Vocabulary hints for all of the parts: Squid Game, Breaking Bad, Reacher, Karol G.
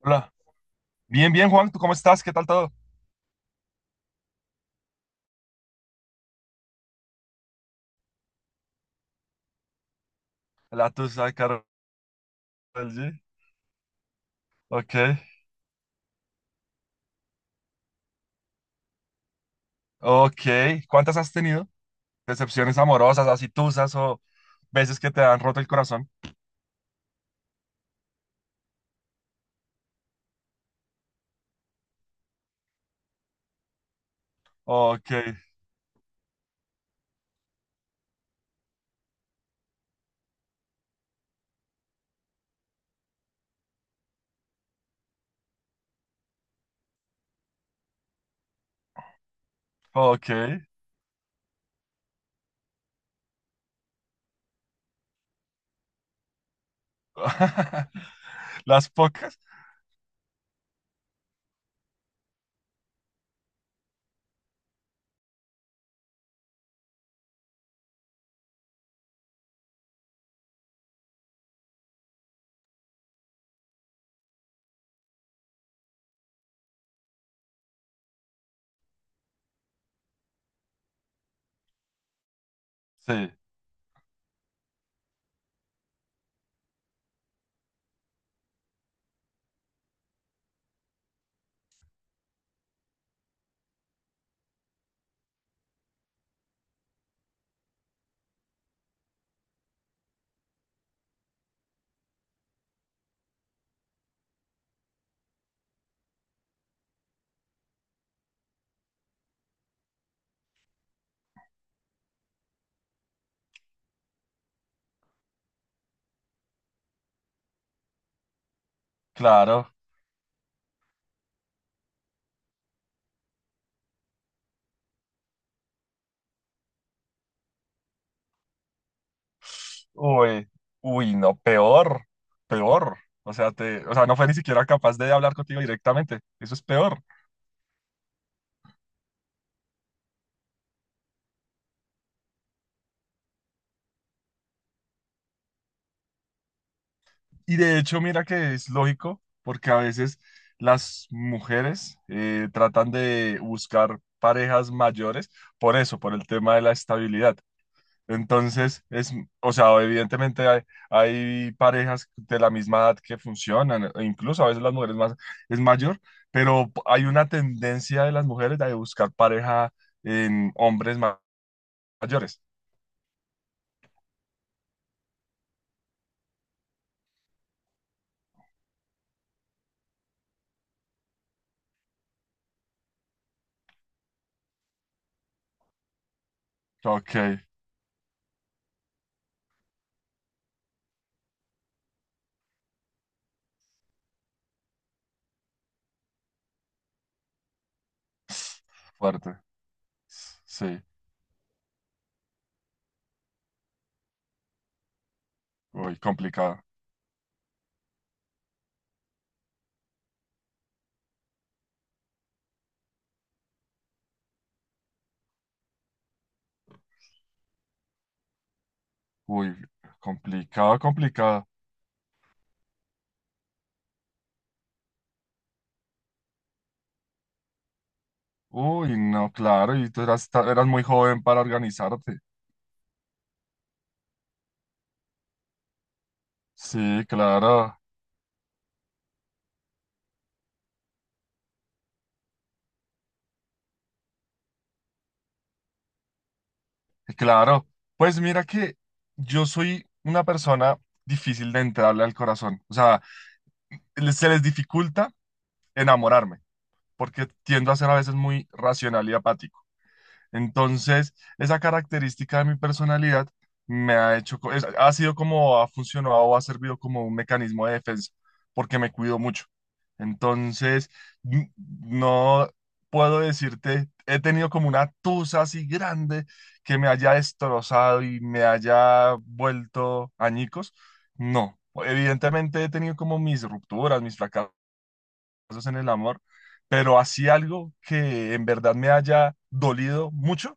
Hola. Bien, bien, Juan, ¿tú cómo estás? ¿Qué tal todo? La tusa de Karol G. Ok, ok. ¿Cuántas has tenido? Decepciones amorosas, así tusas o veces que te han roto el corazón. Ok, ok. ¿Las pocas? Sí, claro. Uy, uy, no, peor, peor. O sea, o sea, no fue ni siquiera capaz de hablar contigo directamente. Eso es peor. Y de hecho, mira que es lógico, porque a veces las mujeres tratan de buscar parejas mayores por eso, por el tema de la estabilidad. Entonces, o sea, evidentemente hay parejas de la misma edad que funcionan, e incluso a veces las mujeres más es mayor, pero hay una tendencia de las mujeres de buscar pareja en hombres mayores. Ok, fuerte. Sí, muy complicado. Uy, complicado, complicado. Uy, no, claro, y tú eras muy joven para organizarte. Sí, claro, claro. Pues mira que yo soy una persona difícil de entrarle al corazón. O sea, se les dificulta enamorarme, porque tiendo a ser a veces muy racional y apático. Entonces, esa característica de mi personalidad me ha hecho, ha sido como ha funcionado o ha servido como un mecanismo de defensa, porque me cuido mucho. Entonces, no puedo decirte, he tenido como una tusa así grande que me haya destrozado y me haya vuelto añicos. No, evidentemente he tenido como mis rupturas, mis fracasos en el amor, pero así algo que en verdad me haya dolido mucho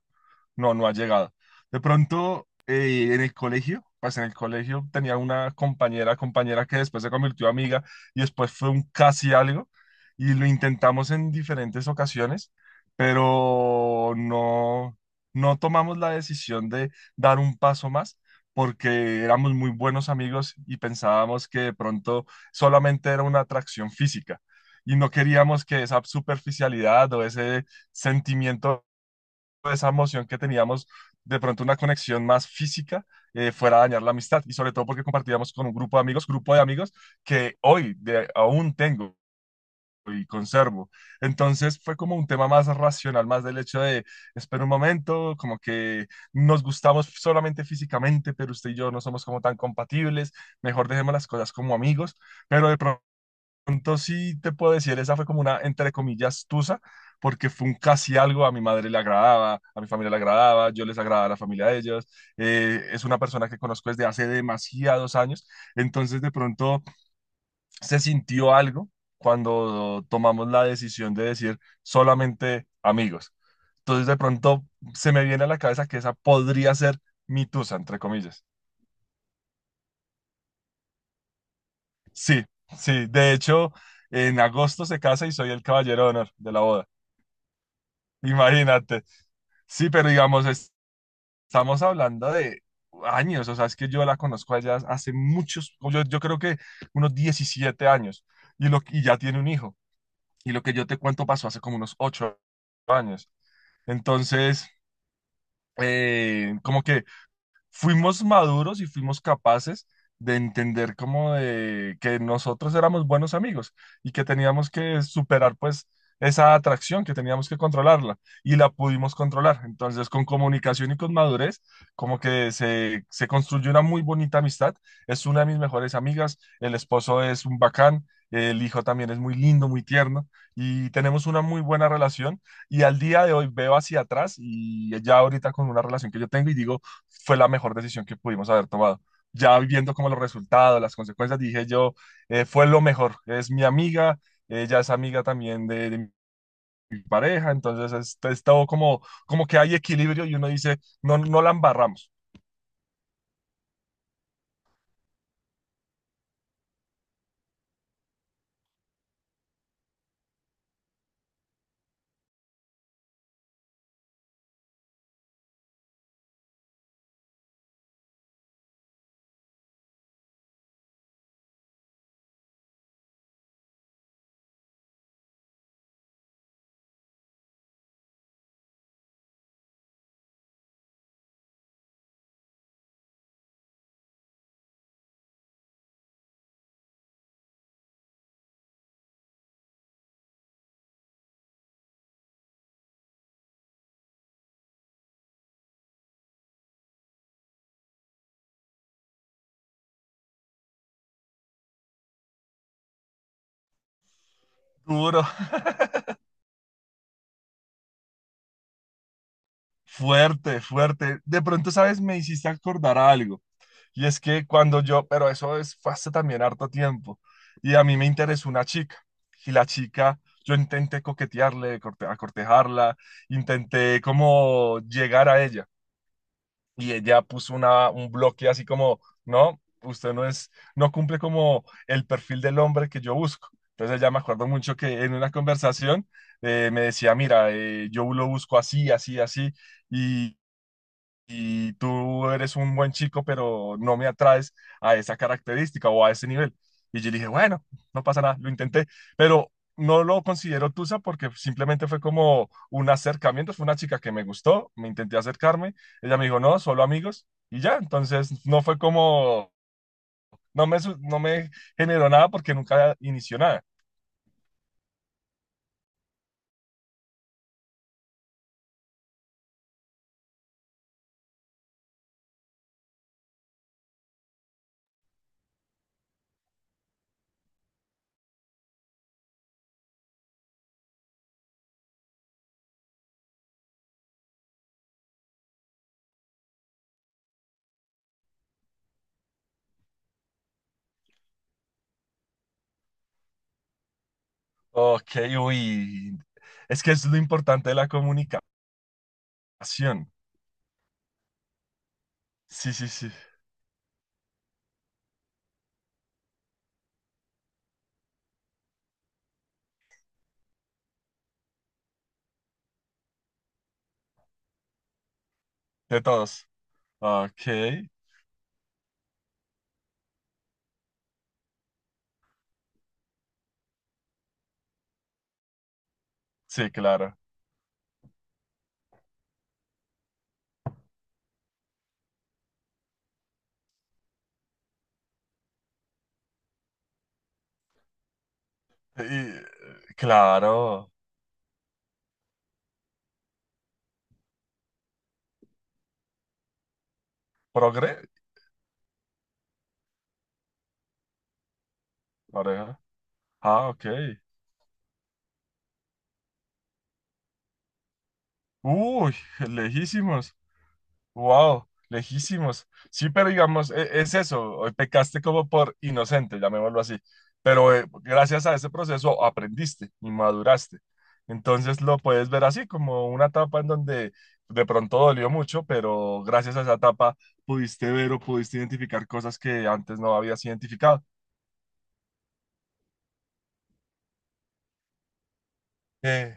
no, no ha llegado. De pronto, en el colegio, pues en el colegio tenía una compañera que después se convirtió amiga y después fue un casi algo y lo intentamos en diferentes ocasiones, pero no, no tomamos la decisión de dar un paso más porque éramos muy buenos amigos y pensábamos que de pronto solamente era una atracción física. Y no queríamos que esa superficialidad o ese sentimiento esa emoción que teníamos, de pronto una conexión más física, fuera a dañar la amistad. Y sobre todo porque compartíamos con un grupo de amigos que hoy aún tengo y conservo. Entonces fue como un tema más racional, más del hecho de, espera un momento, como que nos gustamos solamente físicamente, pero usted y yo no somos como tan compatibles, mejor dejemos las cosas como amigos, pero de pronto sí te puedo decir, esa fue como una, entre comillas, tusa, porque fue un casi algo, a mi madre le agradaba, a mi familia le agradaba, yo les agradaba a la familia de ellos, es una persona que conozco desde hace demasiados años, entonces de pronto se sintió algo cuando tomamos la decisión de decir solamente amigos. Entonces de pronto se me viene a la cabeza que esa podría ser mi tusa, entre comillas. Sí, sí, de hecho, en agosto se casa y soy el caballero de honor de la boda. Imagínate. Sí, pero digamos, estamos hablando de años, o sea, es que yo la conozco a ella hace muchos, yo creo que unos 17 años, y ya tiene un hijo, y lo que yo te cuento pasó hace como unos 8 años. Entonces, como que fuimos maduros y fuimos capaces de entender como de que nosotros éramos buenos amigos y que teníamos que superar pues esa atracción, que teníamos que controlarla y la pudimos controlar. Entonces con comunicación y con madurez como que se construyó una muy bonita amistad. Es una de mis mejores amigas, el esposo es un bacán. El hijo también es muy lindo, muy tierno y tenemos una muy buena relación. Y al día de hoy veo hacia atrás y ya ahorita con una relación que yo tengo y digo, fue la mejor decisión que pudimos haber tomado. Ya viendo como los resultados, las consecuencias, dije yo, fue lo mejor. Es mi amiga, ella es amiga también de mi pareja, entonces es todo como, como que hay equilibrio y uno dice, no, no la embarramos. Duro, fuerte, fuerte. De pronto, ¿sabes? Me hiciste acordar a algo. Y es que cuando yo, pero eso fue hace también harto tiempo, y a mí me interesó una chica, y la chica, yo intenté coquetearle, a cortejarla, intenté como llegar a ella, y ella puso una, un bloque así como, no, usted no es, no cumple como el perfil del hombre que yo busco. Entonces ella me acuerdo mucho que en una conversación me decía, mira, yo lo busco así, así, así, y tú eres un buen chico, pero no me atraes a esa característica o a ese nivel. Y yo dije, bueno, no pasa nada, lo intenté, pero no lo considero tusa porque simplemente fue como un acercamiento, fue una chica que me gustó, me intenté acercarme, ella me dijo, no, solo amigos, y ya, entonces no fue como, no me, no me generó nada porque nunca inició nada. Ok, uy, es que es lo importante de la comunicación. Sí, sí, sí, de todos. Ok. Sí, claro. Y, claro. Progre, pareja. Ah, ok. Uy, lejísimos. Wow, lejísimos. Sí, pero digamos, es eso. Hoy pecaste como por inocente, llamémoslo así. Pero gracias a ese proceso aprendiste y maduraste. Entonces lo puedes ver así, como una etapa en donde de pronto dolió mucho, pero gracias a esa etapa pudiste ver o pudiste identificar cosas que antes no habías identificado. Eh,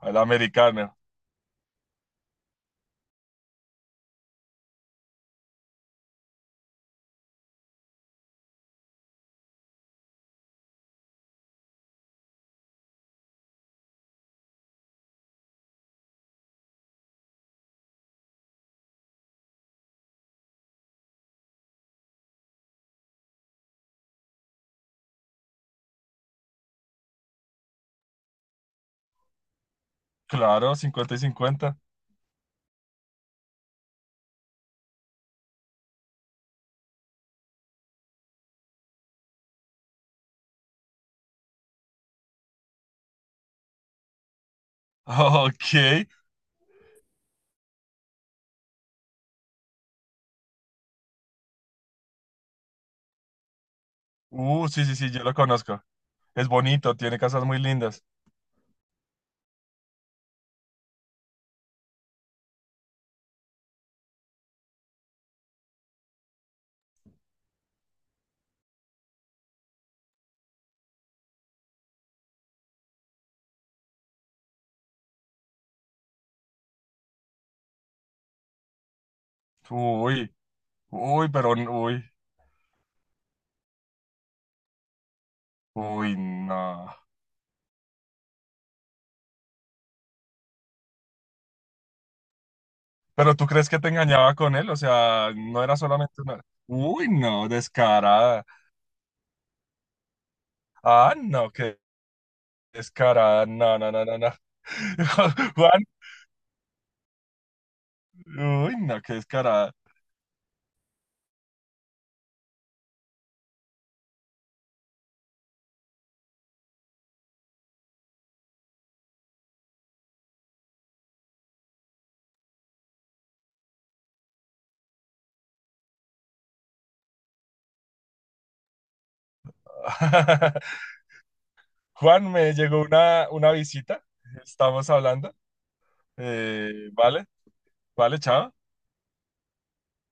a la americana. Claro, 50 y 50. Ok. Sí, sí, sí, yo lo conozco. Es bonito, tiene casas muy lindas. Uy, uy, pero, uy, uy, no. Pero tú crees que te engañaba con él, o sea, no era solamente una... Uy, no, descarada. Ah, no, qué descarada. No, no, no, no, no. Juan, uy, no, qué descarada. Juan, me llegó una visita, estamos hablando. Vale, vale, chao.